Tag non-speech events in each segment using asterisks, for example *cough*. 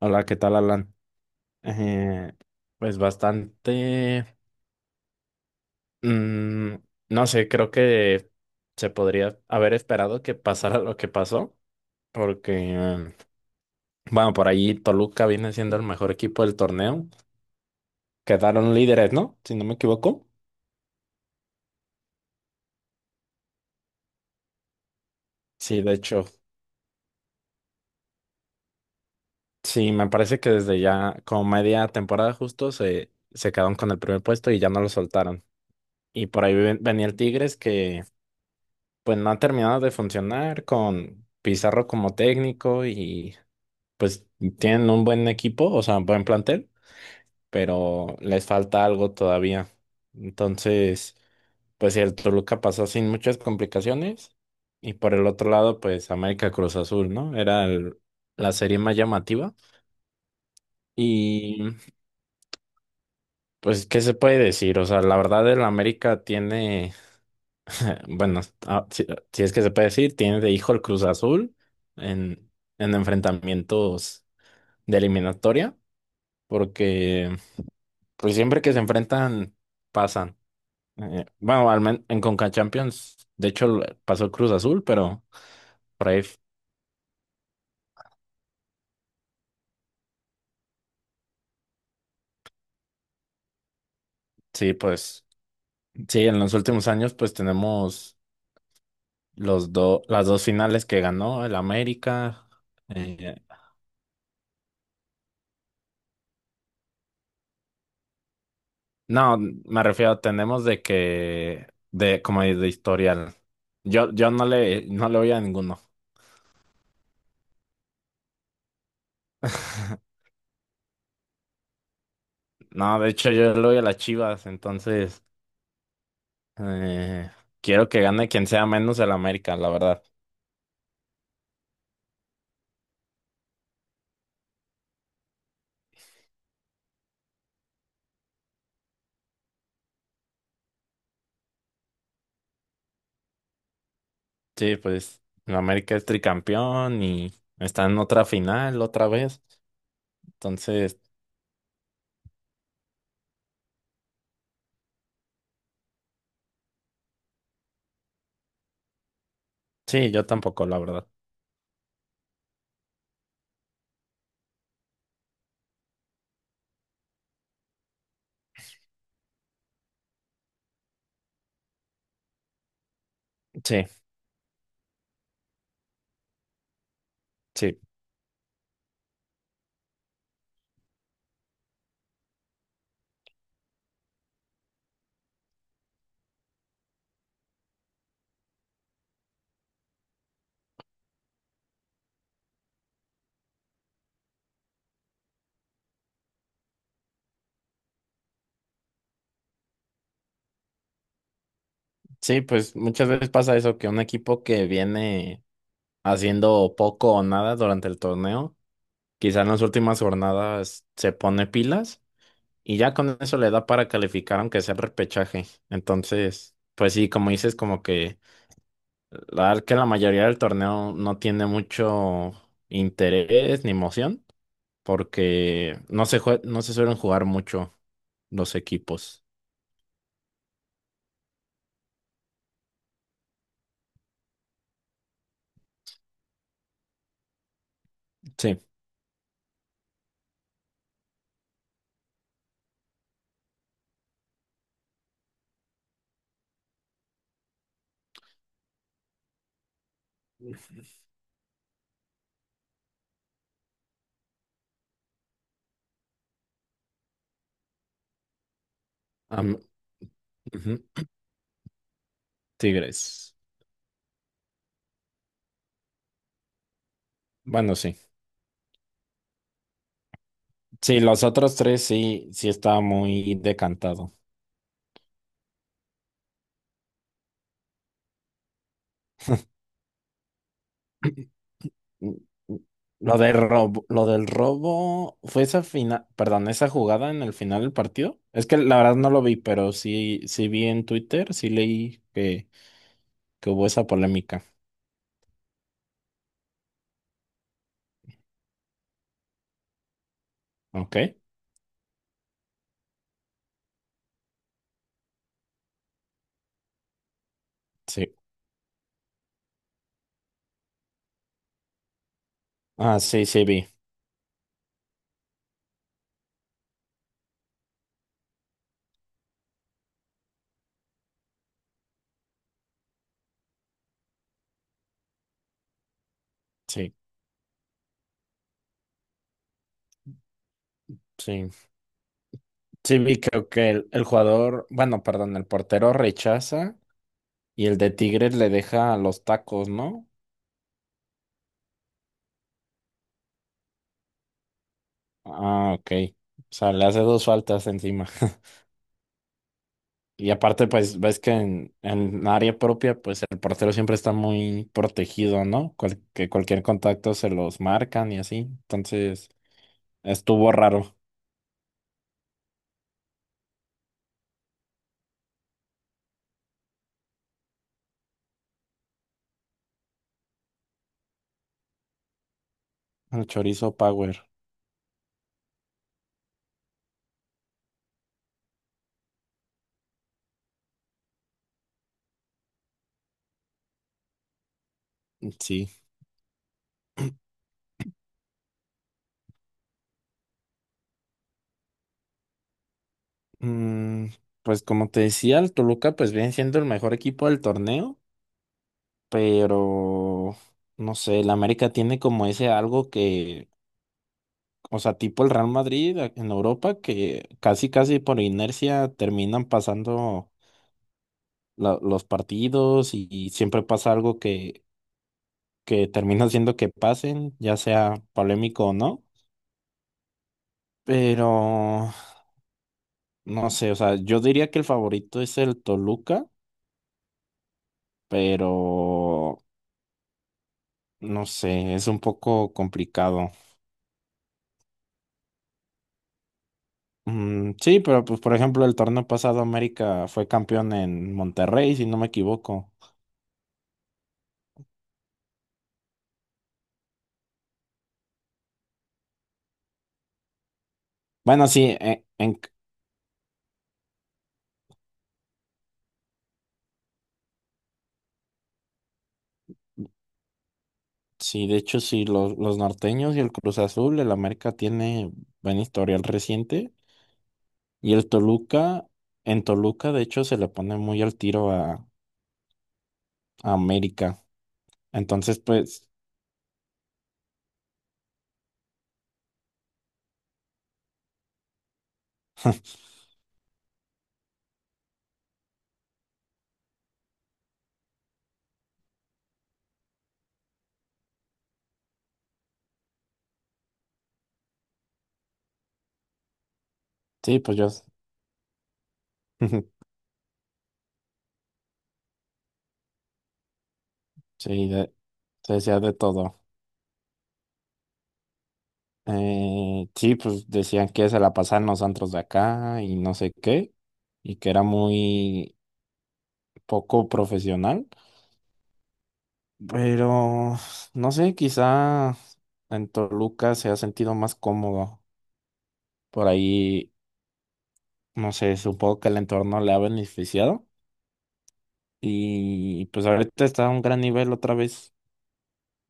Hola, ¿qué tal, Alan? Eh, pues bastante, mm, no sé, creo que se podría haber esperado que pasara *laughs* lo que pasó, porque, eh, bueno, por ahí Toluca viene siendo el mejor equipo del torneo. Quedaron líderes, ¿no? Si no me equivoco. Sí, de hecho, sí, me parece que desde ya como media temporada justo se quedaron con el primer puesto y ya no lo soltaron. Y por ahí venía el Tigres que pues no ha terminado de funcionar con Pizarro como técnico y pues tienen un buen equipo, o sea, buen plantel, pero les falta algo todavía. Entonces, pues el Toluca pasó sin muchas complicaciones y por el otro lado, pues América Cruz Azul, ¿no? La serie más llamativa y pues, ¿qué se puede decir? O sea, la verdad el América tiene... Bueno, si, si es que se puede decir, tiene de hijo el Cruz Azul en, en enfrentamientos de eliminatoria, porque pues siempre que se enfrentan pasan. Bueno, en Conca Champions, de hecho pasó el Cruz Azul, pero por ahí f- sí, pues sí, en los últimos años pues tenemos los dos las dos finales que ganó el América. eh, No, me refiero, tenemos de que, de, como de historial. Yo no le, no le voy a ninguno. *laughs* No, de hecho yo le voy a las Chivas, entonces eh, quiero que gane quien sea menos el América, la verdad. Sí, pues el América es tricampeón y está en otra final otra vez. Entonces, sí, yo tampoco, la verdad. Sí, sí, sí, pues muchas veces pasa eso, que un equipo que viene haciendo poco o nada durante el torneo. Quizá en las últimas jornadas se pone pilas y ya con eso le da para calificar aunque sea el repechaje. Entonces, pues sí, como dices, como que la verdad que la mayoría del torneo no tiene mucho interés ni emoción porque no se suelen jugar mucho los equipos. Sí, am- ujú, Tigres. Bueno, sí. Sí, los otros tres sí, sí estaba muy decantado. Mm, mm. Lo del robo fue esa final, perdón, esa jugada en el final del partido. Es que la verdad no lo vi, pero sí, sí vi en Twitter, sí leí que hubo esa polémica. ¿Ok? Sí. Ah, sí, sí vi. Sí, sí. Sí vi, creo que el jugador, bueno, perdón, el portero rechaza y el de Tigres le deja los tacos, ¿no? Ah, ok. O sea, le hace dos faltas encima. *laughs* Y aparte, pues ves que en área propia, pues el portero siempre está muy protegido, ¿no? Que cualquier contacto se los marcan y así. Entonces, estuvo raro. El chorizo Power. Sí. Mm, pues como te decía, el Toluca, pues viene siendo el mejor equipo del torneo, pero no sé, el América tiene como ese algo que, o sea, tipo el Real Madrid en Europa, que casi, casi por inercia terminan pasando los partidos y siempre pasa algo que termina haciendo que pasen, ya sea polémico o no. Pero no sé, o sea, yo diría que el favorito es el Toluca, pero no sé, es un poco complicado. Sí, pero pues por ejemplo el torneo pasado América fue campeón en Monterrey, si no me equivoco. Bueno, sí, sí, de hecho sí, los norteños y el Cruz Azul, el América tiene buen historial reciente. Y el Toluca, en Toluca, de hecho, se le pone muy al tiro a América. Entonces, pues, *laughs* sí, pues yo, *laughs* sí, se decía de todo. Sí, pues decían que se la pasaban los antros de acá y no sé qué, y que era muy poco profesional. Pero, no sé, quizá en Toluca se ha sentido más cómodo. Por ahí, no sé, supongo que el entorno le ha beneficiado. Y pues ahorita está a un gran nivel otra vez.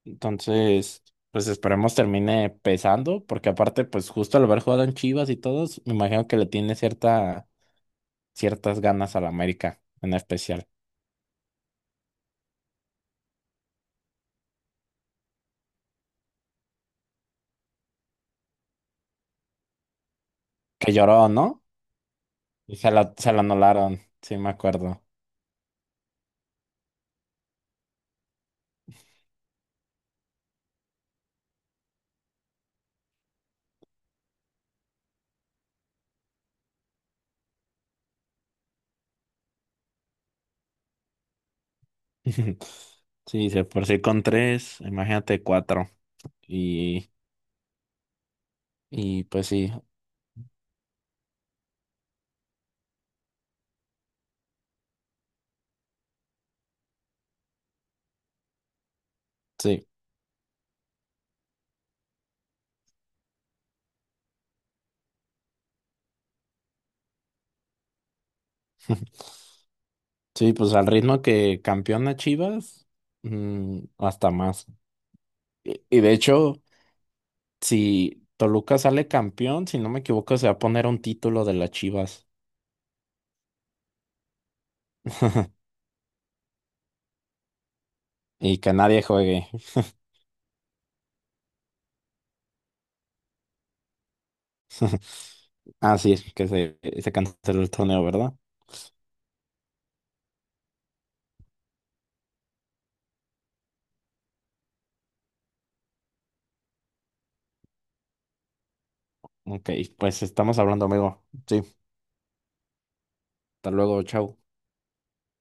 Entonces, pues esperemos termine pesando, porque aparte, pues justo al haber jugado en Chivas y todos, me imagino que le tiene cierta, ciertas ganas a la América, en especial. Que lloró, ¿no? Y se la anularon, sí me acuerdo. *laughs* Sí, se por sí con tres, imagínate cuatro. Y, y pues sí, sí. *laughs* Sí, pues al ritmo que campeona Chivas, mm, hasta más. Y de hecho. Si Toluca sale campeón, si no me equivoco, se va a poner un título de las Chivas. *laughs* Y que nadie juegue. *laughs* Ah, sí, es que se canceló el torneo, ¿verdad? Ok, pues estamos hablando, amigo. Sí, hasta luego, chao.